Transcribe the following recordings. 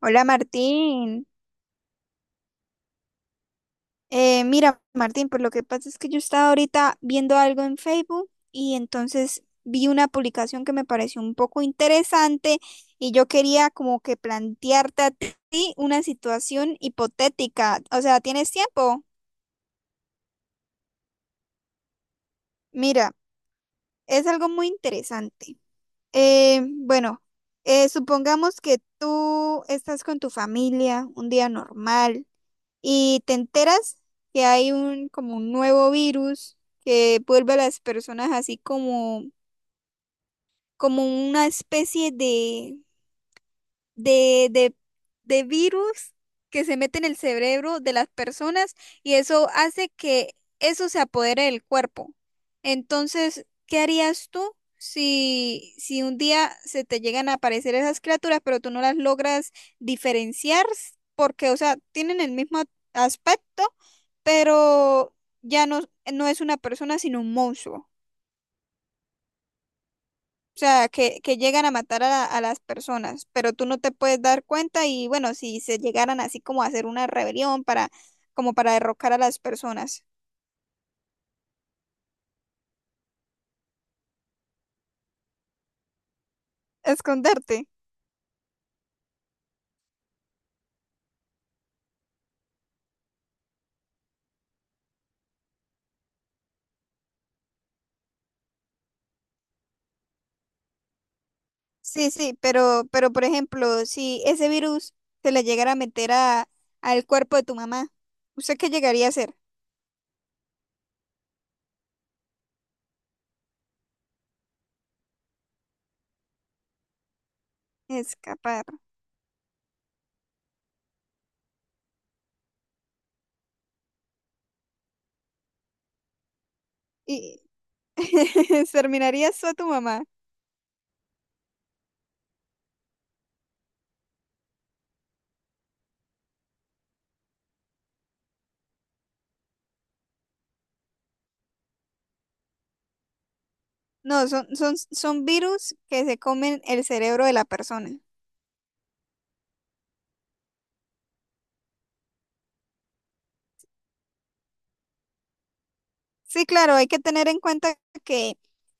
Hola Martín. Mira Martín, pues lo que pasa es que yo estaba ahorita viendo algo en Facebook y entonces vi una publicación que me pareció un poco interesante y yo quería como que plantearte a ti una situación hipotética. O sea, ¿tienes tiempo? Mira, es algo muy interesante. Bueno, supongamos que tú estás con tu familia un día normal, y te enteras que hay un como un nuevo virus que vuelve a las personas así como como una especie de, de, de virus que se mete en el cerebro de las personas y eso hace que eso se apodere del cuerpo. Entonces, ¿qué harías tú si un día se te llegan a aparecer esas criaturas, pero tú no las logras diferenciar? Porque, o sea, tienen el mismo aspecto, pero ya no, no es una persona, sino un monstruo. O sea, que llegan a matar a, a las personas, pero tú no te puedes dar cuenta y bueno, si se llegaran así como a hacer una rebelión para, como para derrocar a las personas. Esconderte. Sí, sí, pero por ejemplo, si ese virus se le llegara a meter a, al cuerpo de tu mamá, ¿usted qué llegaría a hacer? Escapar. Y terminarías tú a tu mamá. No, son, son, son virus que se comen el cerebro de la persona. Sí, claro, hay que tener en cuenta que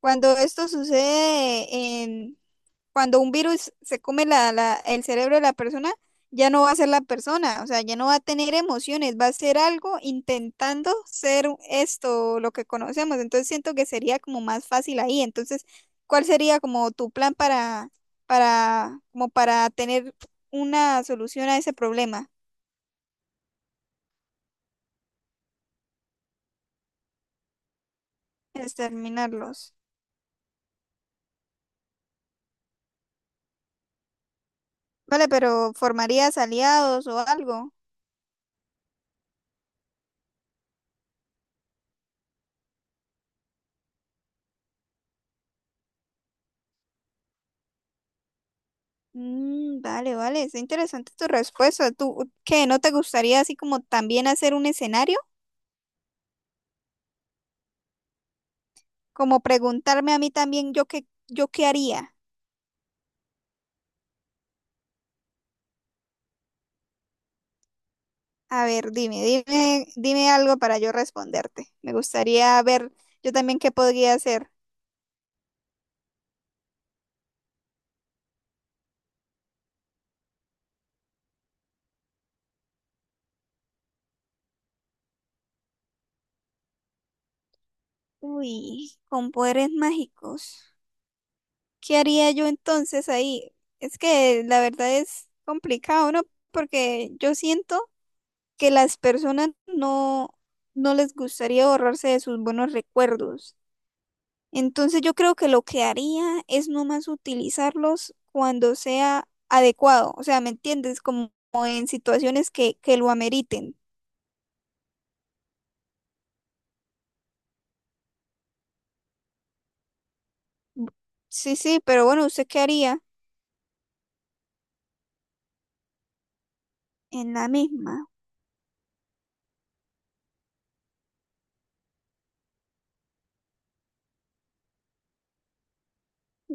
cuando esto sucede, en, cuando un virus se come la, el cerebro de la persona, ya no va a ser la persona, o sea, ya no va a tener emociones, va a ser algo intentando ser esto, lo que conocemos. Entonces siento que sería como más fácil ahí. Entonces, ¿cuál sería como tu plan para, como para tener una solución a ese problema? Exterminarlos. Vale, pero ¿formarías aliados o algo? Mm, vale, vale, es interesante tu respuesta. ¿Tú qué no te gustaría así como también hacer un escenario? Como preguntarme a mí también yo qué haría. A ver, dime, dime, dime algo para yo responderte. Me gustaría ver yo también qué podría hacer. Uy, con poderes mágicos. ¿Qué haría yo entonces ahí? Es que la verdad es complicado, ¿no? Porque yo siento que las personas no, no les gustaría borrarse de sus buenos recuerdos. Entonces yo creo que lo que haría es nomás utilizarlos cuando sea adecuado, o sea, ¿me entiendes? Como en situaciones que lo ameriten. Sí, sí, pero bueno, ¿usted qué haría? En la misma.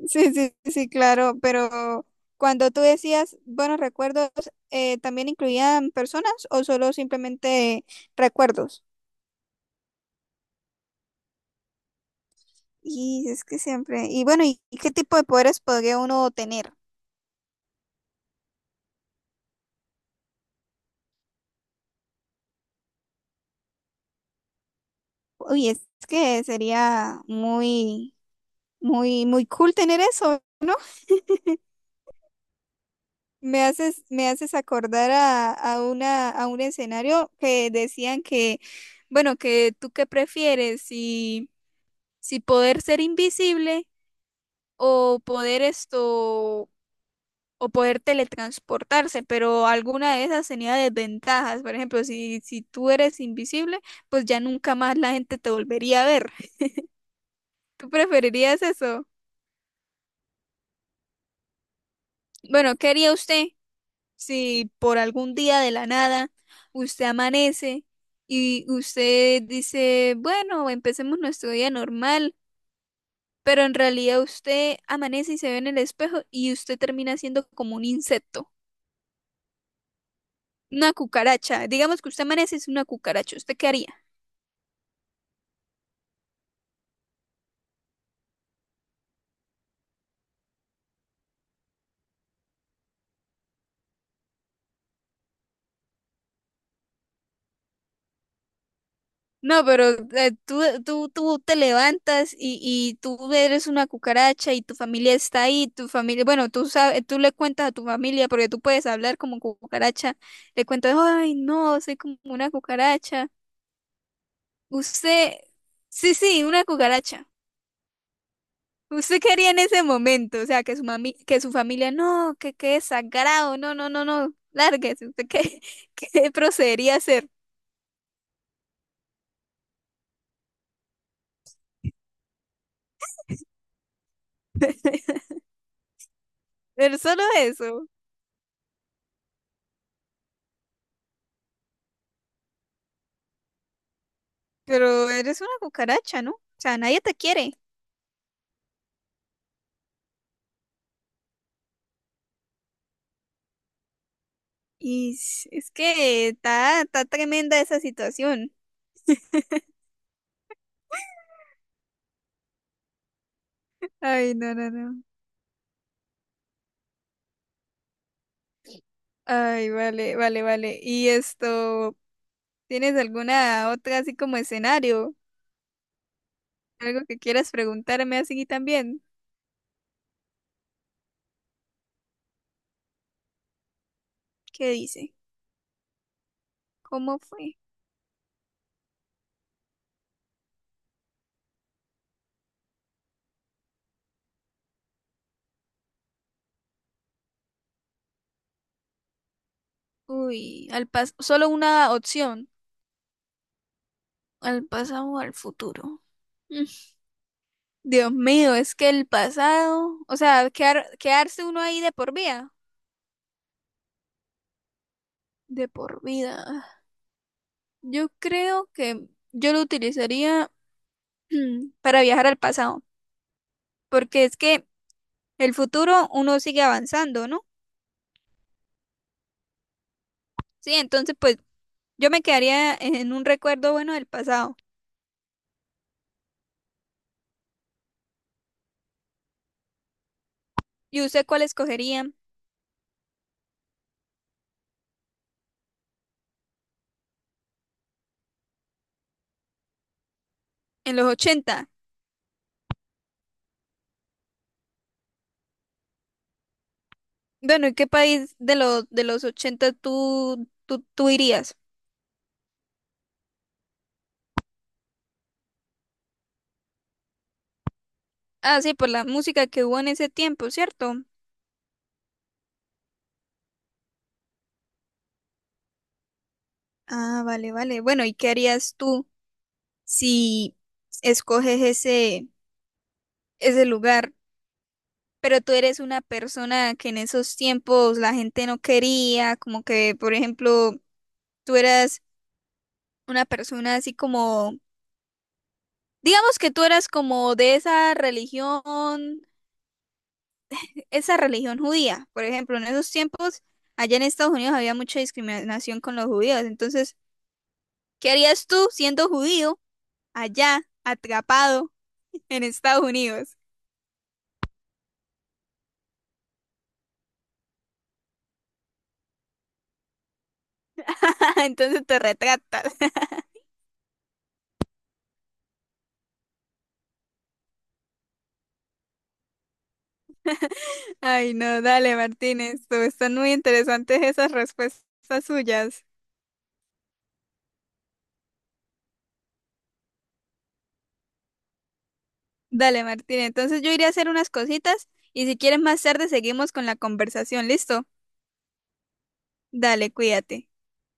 Sí, sí, sí, claro, pero cuando tú decías buenos recuerdos, ¿también incluían personas o solo simplemente recuerdos? Y es que siempre, y bueno, ¿y qué tipo de poderes podría uno tener? Uy, es que sería muy, muy, muy cool tener eso, ¿no? Me haces acordar a una, a un escenario que decían que, bueno, que tú qué prefieres, si poder ser invisible o poder esto, o poder teletransportarse, pero alguna de esas tenía desventajas. Por ejemplo, si tú eres invisible, pues ya nunca más la gente te volvería a ver. ¿Tú preferirías eso? Bueno, ¿qué haría usted si por algún día de la nada usted amanece y usted dice, bueno, empecemos nuestro día normal, pero en realidad usted amanece y se ve en el espejo y usted termina siendo como un insecto, una cucaracha? Digamos que usted amanece y es una cucaracha, ¿usted qué haría? No, pero tú te levantas y tú eres una cucaracha y tu familia está ahí, tu familia, bueno, tú sabes, tú le cuentas a tu familia porque tú puedes hablar como cucaracha, le cuentas, ay, no, soy como una cucaracha. Usted, sí, sí, una cucaracha. ¿Usted qué haría en ese momento? O sea, que su mami, que su familia, no, que qué desagrado, no, no, no, no, lárguese, ¿usted qué, qué procedería a hacer? Pero solo eso. Pero eres una cucaracha, ¿no? O sea, nadie te quiere. Y es que está, está tremenda esa situación. Ay, no, no, no. Ay, vale, vale, vale. ¿Y esto, tienes alguna otra así como escenario? ¿Algo que quieras preguntarme así también? ¿Qué dice? ¿Cómo fue? Uy, al pas solo una opción, al pasado o al futuro. Mm, Dios mío, es que el pasado, o sea, quedarse uno ahí de por vida. De por vida. Yo creo que yo lo utilizaría para viajar al pasado, porque es que el futuro uno sigue avanzando, ¿no? Sí, entonces pues yo me quedaría en un recuerdo bueno del pasado. ¿Y usted cuál escogería en los 80? Bueno, ¿y qué país de los 80 tú irías? Ah, sí, por la música que hubo en ese tiempo, ¿cierto? Ah, vale, vale. Bueno, ¿y qué harías tú si escoges ese lugar? Pero tú eres una persona que en esos tiempos la gente no quería, como que, por ejemplo, tú eras una persona así como, digamos que tú eras como de esa religión judía. Por ejemplo, en esos tiempos, allá en Estados Unidos había mucha discriminación con los judíos. Entonces, ¿qué harías tú siendo judío allá, atrapado en Estados Unidos? Entonces te retratas. Ay, no, dale, Martínez, tú, están muy interesantes esas respuestas suyas. Dale, Martín. Entonces yo iré a hacer unas cositas y si quieres más tarde seguimos con la conversación. ¿Listo? Dale, cuídate.